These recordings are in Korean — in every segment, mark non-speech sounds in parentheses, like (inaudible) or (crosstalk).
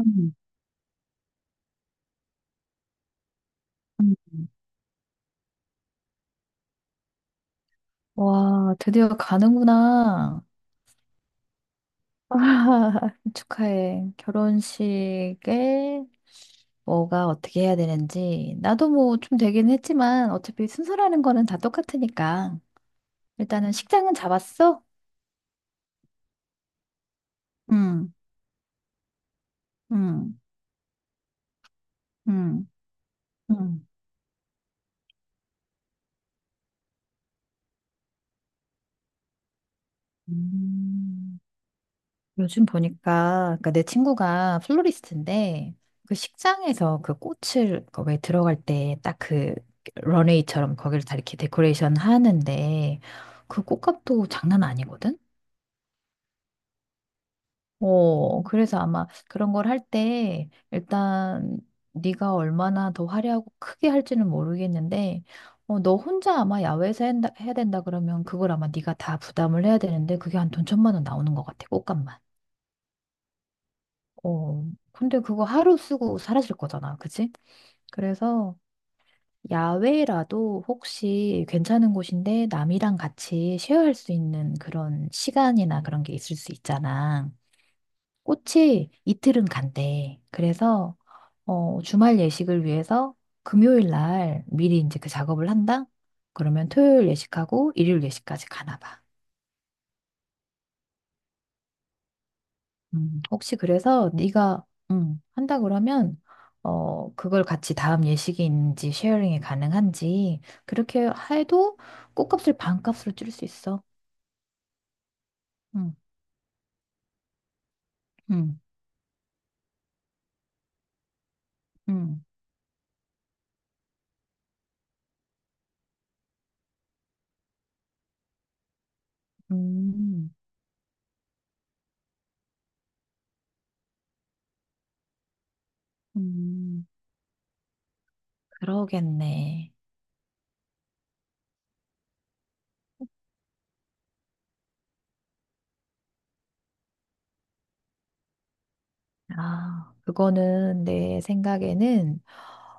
음, 음. 와, 드디어 가는구나. (laughs) 축하해. 결혼식에 뭐가 어떻게 해야 되는지. 나도 뭐 좀 되긴 했지만 어차피 순서라는 거는 다 똑같으니까. 일단은 식장은 잡았어? 응, 응, 응, 응. 음. 요즘 보니까 그니까내 친구가 플로리스트인데 그 식장에서 그 꽃을 거기 들어갈 때 딱 그 런웨이처럼 거기를 다 이렇게 데코레이션 하는데 그 꽃값도 장난 아니거든? 어, 그래서 아마 그런 걸 할 때 일단 네가 얼마나 더 화려하고 크게 할지는 모르겠는데 어, 너 혼자 아마 야외에서 해야 된다 그러면 그걸 아마 네가 다 부담을 해야 되는데 그게 한 돈 천만 원 나오는 것 같아, 꽃값만. 어, 근데 그거 하루 쓰고 사라질 거잖아, 그치? 그래서 야외라도 혹시 괜찮은 곳인데 남이랑 같이 쉐어할 수 있는 그런 시간이나 그런 게 있을 수 있잖아. 꽃이 이틀은 간대. 그래서 어, 주말 예식을 위해서 금요일 날 미리 이제 그 작업을 한다? 그러면 토요일 예식하고 일요일 예식까지 가나 봐. 혹시 그래서 네가 한다 그러면 어, 그걸 같이 다음 예식이 있는지 쉐어링이 가능한지 그렇게 해도 꽃값을 반값으로 줄일 수 있어. 음, 음, 음, 음, 음. 그러겠네. 아, 그거는 내 생각에는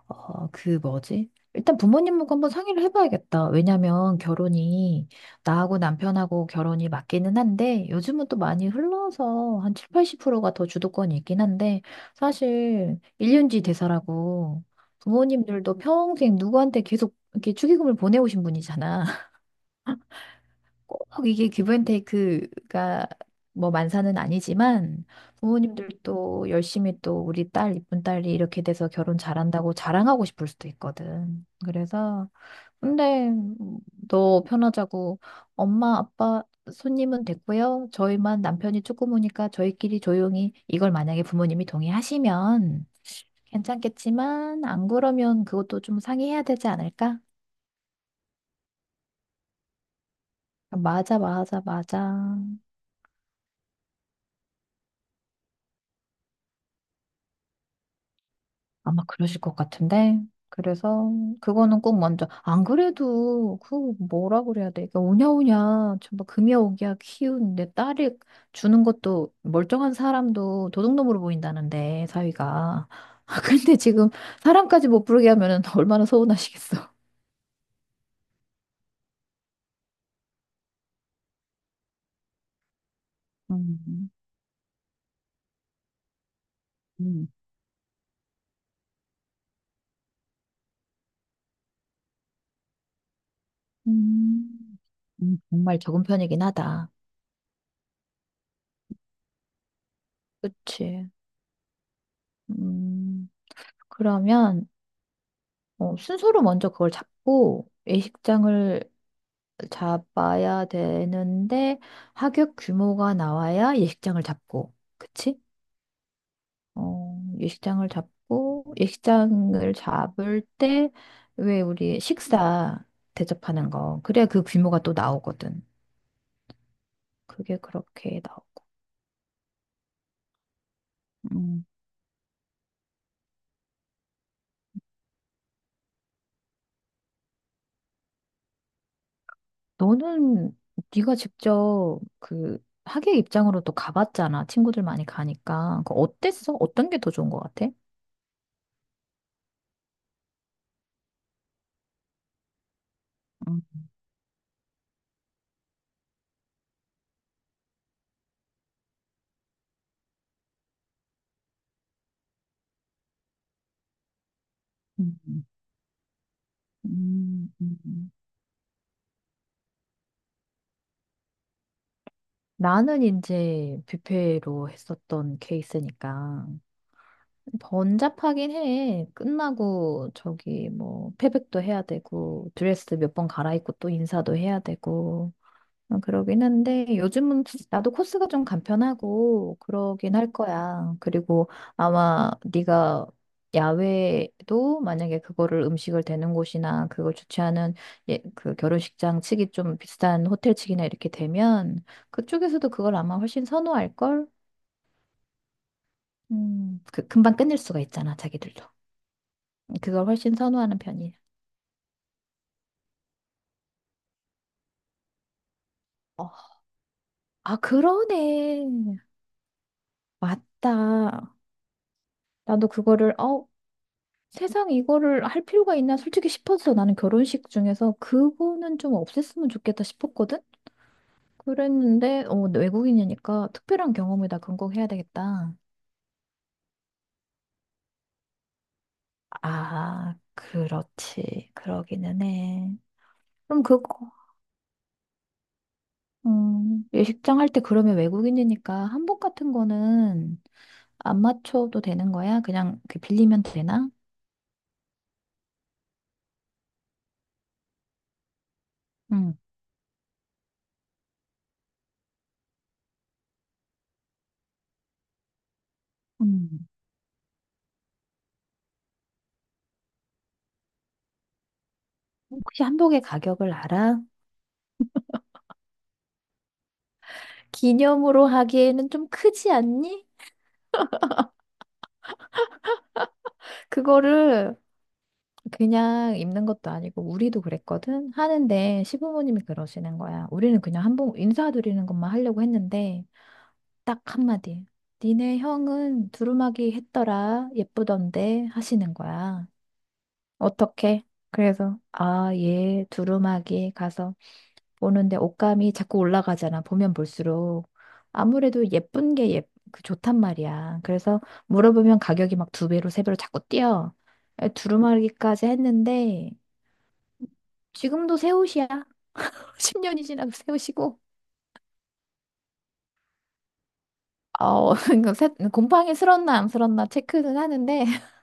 어, 그 뭐지? 일단 부모님하고 한번 상의를 해봐야겠다. 왜냐면 결혼이 나하고 남편하고 결혼이 맞기는 한데 요즘은 또 많이 흘러서 한 7, 80%가 더 주도권이 있긴 한데 사실 일륜지 대사라고 부모님들도 평생 누구한테 계속 이렇게 축의금을 보내오신 분이잖아. 꼭 이게 기브앤테이크가 뭐 만사는 아니지만 부모님들도 열심히 또 우리 딸 이쁜 딸이 이렇게 돼서 결혼 잘한다고 자랑하고 싶을 수도 있거든. 그래서 근데 너 편하자고 엄마 아빠 손님은 됐고요. 저희만 남편이 조금 오니까 저희끼리 조용히 이걸 만약에 부모님이 동의하시면 괜찮겠지만 안 그러면 그것도 좀 상의해야 되지 않을까? 맞아 맞아 맞아. 아마 그러실 것 같은데. 그래서 그거는 꼭 먼저 안 그래도 그 뭐라 그래야 돼. 그러니까 오냐오냐 전부 금여오기야 키운 내 딸이 주는 것도 멀쩡한 사람도 도둑놈으로 보인다는데 사위가. (laughs) 근데 지금 사람까지 못 부르게 하면은 (laughs) 얼마나 서운하시겠어. 음, 음, 음, 정말 적은 편이긴 하다. 그치. 음, 그러면, 어, 순서로 먼저 그걸 잡고, 예식장을 잡아야 되는데 하객 규모가 나와야 예식장을 잡고 그치? 어, 예식장을 잡고 예식장을 잡을 때 왜 우리 식사 대접하는 거 그래야 그 규모가 또 나오거든. 그게 그렇게 나오고. 음, 너는 네가 직접 그 하객 입장으로 또 가봤잖아. 친구들 많이 가니까. 그 어땠어? 어떤 게 더 좋은 것 같아? 음, 음, 음, 음. 나는 이제 뷔페로 했었던 케이스니까 번잡하긴 해. 끝나고 저기 뭐 패백도 해야 되고 드레스 몇 번 갈아입고 또 인사도 해야 되고 어, 그러긴 한데 요즘은 나도 코스가 좀 간편하고 그러긴 할 거야. 그리고 아마 네가 야외도 만약에 그거를 음식을 대는 곳이나 그걸 주최하는 예, 그 결혼식장 측이 좀 비싼 호텔 측이나 이렇게 되면 그쪽에서도 그걸 아마 훨씬 선호할 걸. 그 금방 끝낼 수가 있잖아, 자기들도. 그걸 훨씬 선호하는 편이야. 어, 아, 그러네. 맞다. 나도 그거를 어 세상 이거를 할 필요가 있나 솔직히 싶어서 나는 결혼식 중에서 그거는 좀 없앴으면 좋겠다 싶었거든? 그랬는데, 어, 외국인이니까 특별한 경험에다 근거해야 되겠다. 아, 그렇지. 그러기는 해. 그럼 그거, 예식장 할 때 그러면 외국인이니까 한복 같은 거는 안 맞춰도 되는 거야? 그냥 그 빌리면 되나? 응. 음. 혹시 한복의 가격을 알아? 기념으로 하기에는 좀 크지 않니? 그거를 그냥 입는 것도 아니고 우리도 그랬거든. 하는데 시부모님이 그러시는 거야. 우리는 그냥 한 번 인사드리는 것만 하려고 했는데 딱 한마디. 니네 형은 두루마기 했더라. 예쁘던데 하시는 거야. 어떻게? 그래서 아, 얘 두루마기 가서 보는데 옷감이 자꾸 올라가잖아. 보면 볼수록 아무래도 예쁜 게 예, 그 좋단 말이야. 그래서 물어보면 가격이 막 두 배로 세 배로 자꾸 뛰어. "아, 두루마기까지 했는데 지금도 새 옷이야. (laughs) 10년이 지나도 새 옷이고. 어, (laughs) 이거 곰팡이 슬었나 안 슬었나 체크는 하는데, (laughs)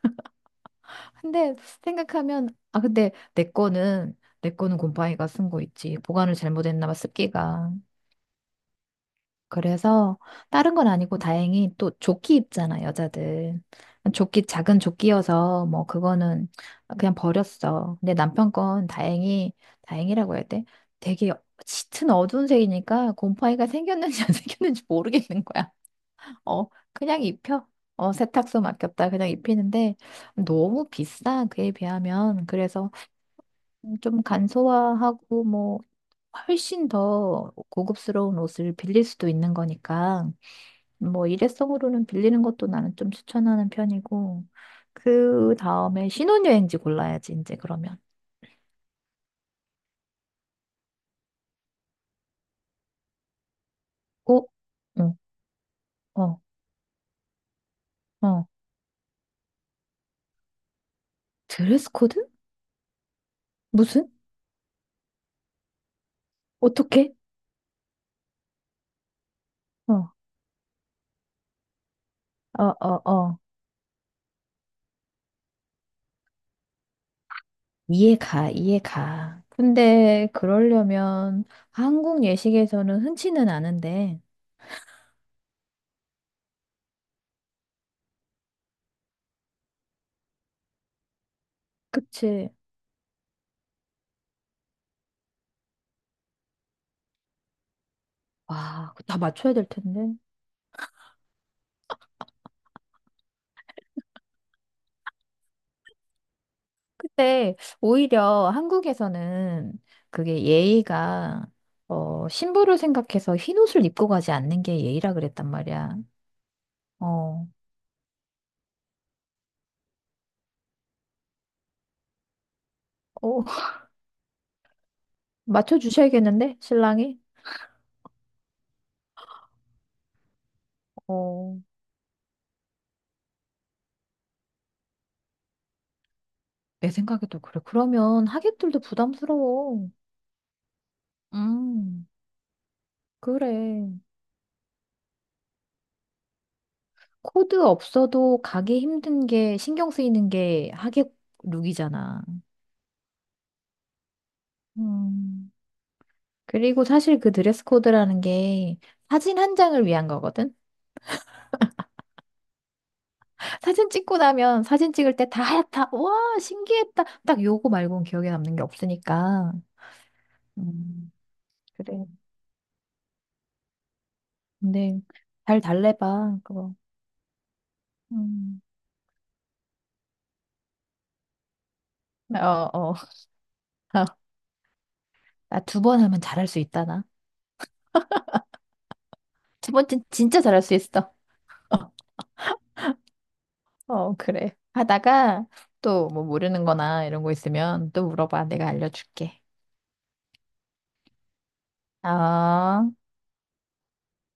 근데 생각하면, 아, 근데 내 거는 곰팡이가 쓴 거 있지. 보관을 잘못했나 봐, 습기가. 그래서 다른 건 아니고 다행히 또 조끼 입잖아, 여자들. 조끼, 작은 조끼여서 뭐 그거는 그냥 버렸어. 근데 남편 건 다행히, 다행이라고 해야 돼? 되게 짙은 어두운 색이니까 곰팡이가 생겼는지 안 (laughs) 생겼는지 모르겠는 거야. 어, 그냥 입혀. 어, 세탁소 맡겼다. 그냥 입히는데 너무 비싸. 그에 비하면. 그래서 좀 간소화하고 뭐 훨씬 더 고급스러운 옷을 빌릴 수도 있는 거니까. 뭐 일회성으로는 빌리는 것도 나는 좀 추천하는 편이고 그 다음에 신혼여행지 골라야지 이제 그러면 어? 어, 어, 어. 드레스 코드? 무슨? 어떻게? 어, 어, 어, 어. 이해가, 이해가. 근데 그러려면 한국 예식에서는 흔치는 않은데 그치? 와, 그거 다 맞춰야 될 텐데 근데 오히려 한국에서는 그게 예의가 어, 신부를 생각해서 흰옷을 입고 가지 않는 게 예의라 그랬단 말이야. 어, 어, (laughs) 맞춰주셔야겠는데, 신랑이? 어, 내 생각에도 그래. 그러면 하객들도 부담스러워. 음, 그래. 코드 없어도 가기 힘든 게 신경 쓰이는 게 하객 룩이잖아. 음, 그리고 사실 그 드레스 코드라는 게 사진 한 장을 위한 거거든? 사진 찍고 나면 사진 찍을 때 다 하얗다. 와, 신기했다. 딱 요거 말고는 기억에 남는 게 없으니까. 음, 그래. 근데 잘 달래봐. 그거. 음. 어, 어. (laughs) 나 두 번 하면 잘할 수 있다, 나. 두 번째 진짜 잘할 수 있어. 어, 그래. 하다가 또 뭐 모르는 거나 이런 거 있으면 또 물어봐. 내가 알려줄게. 어.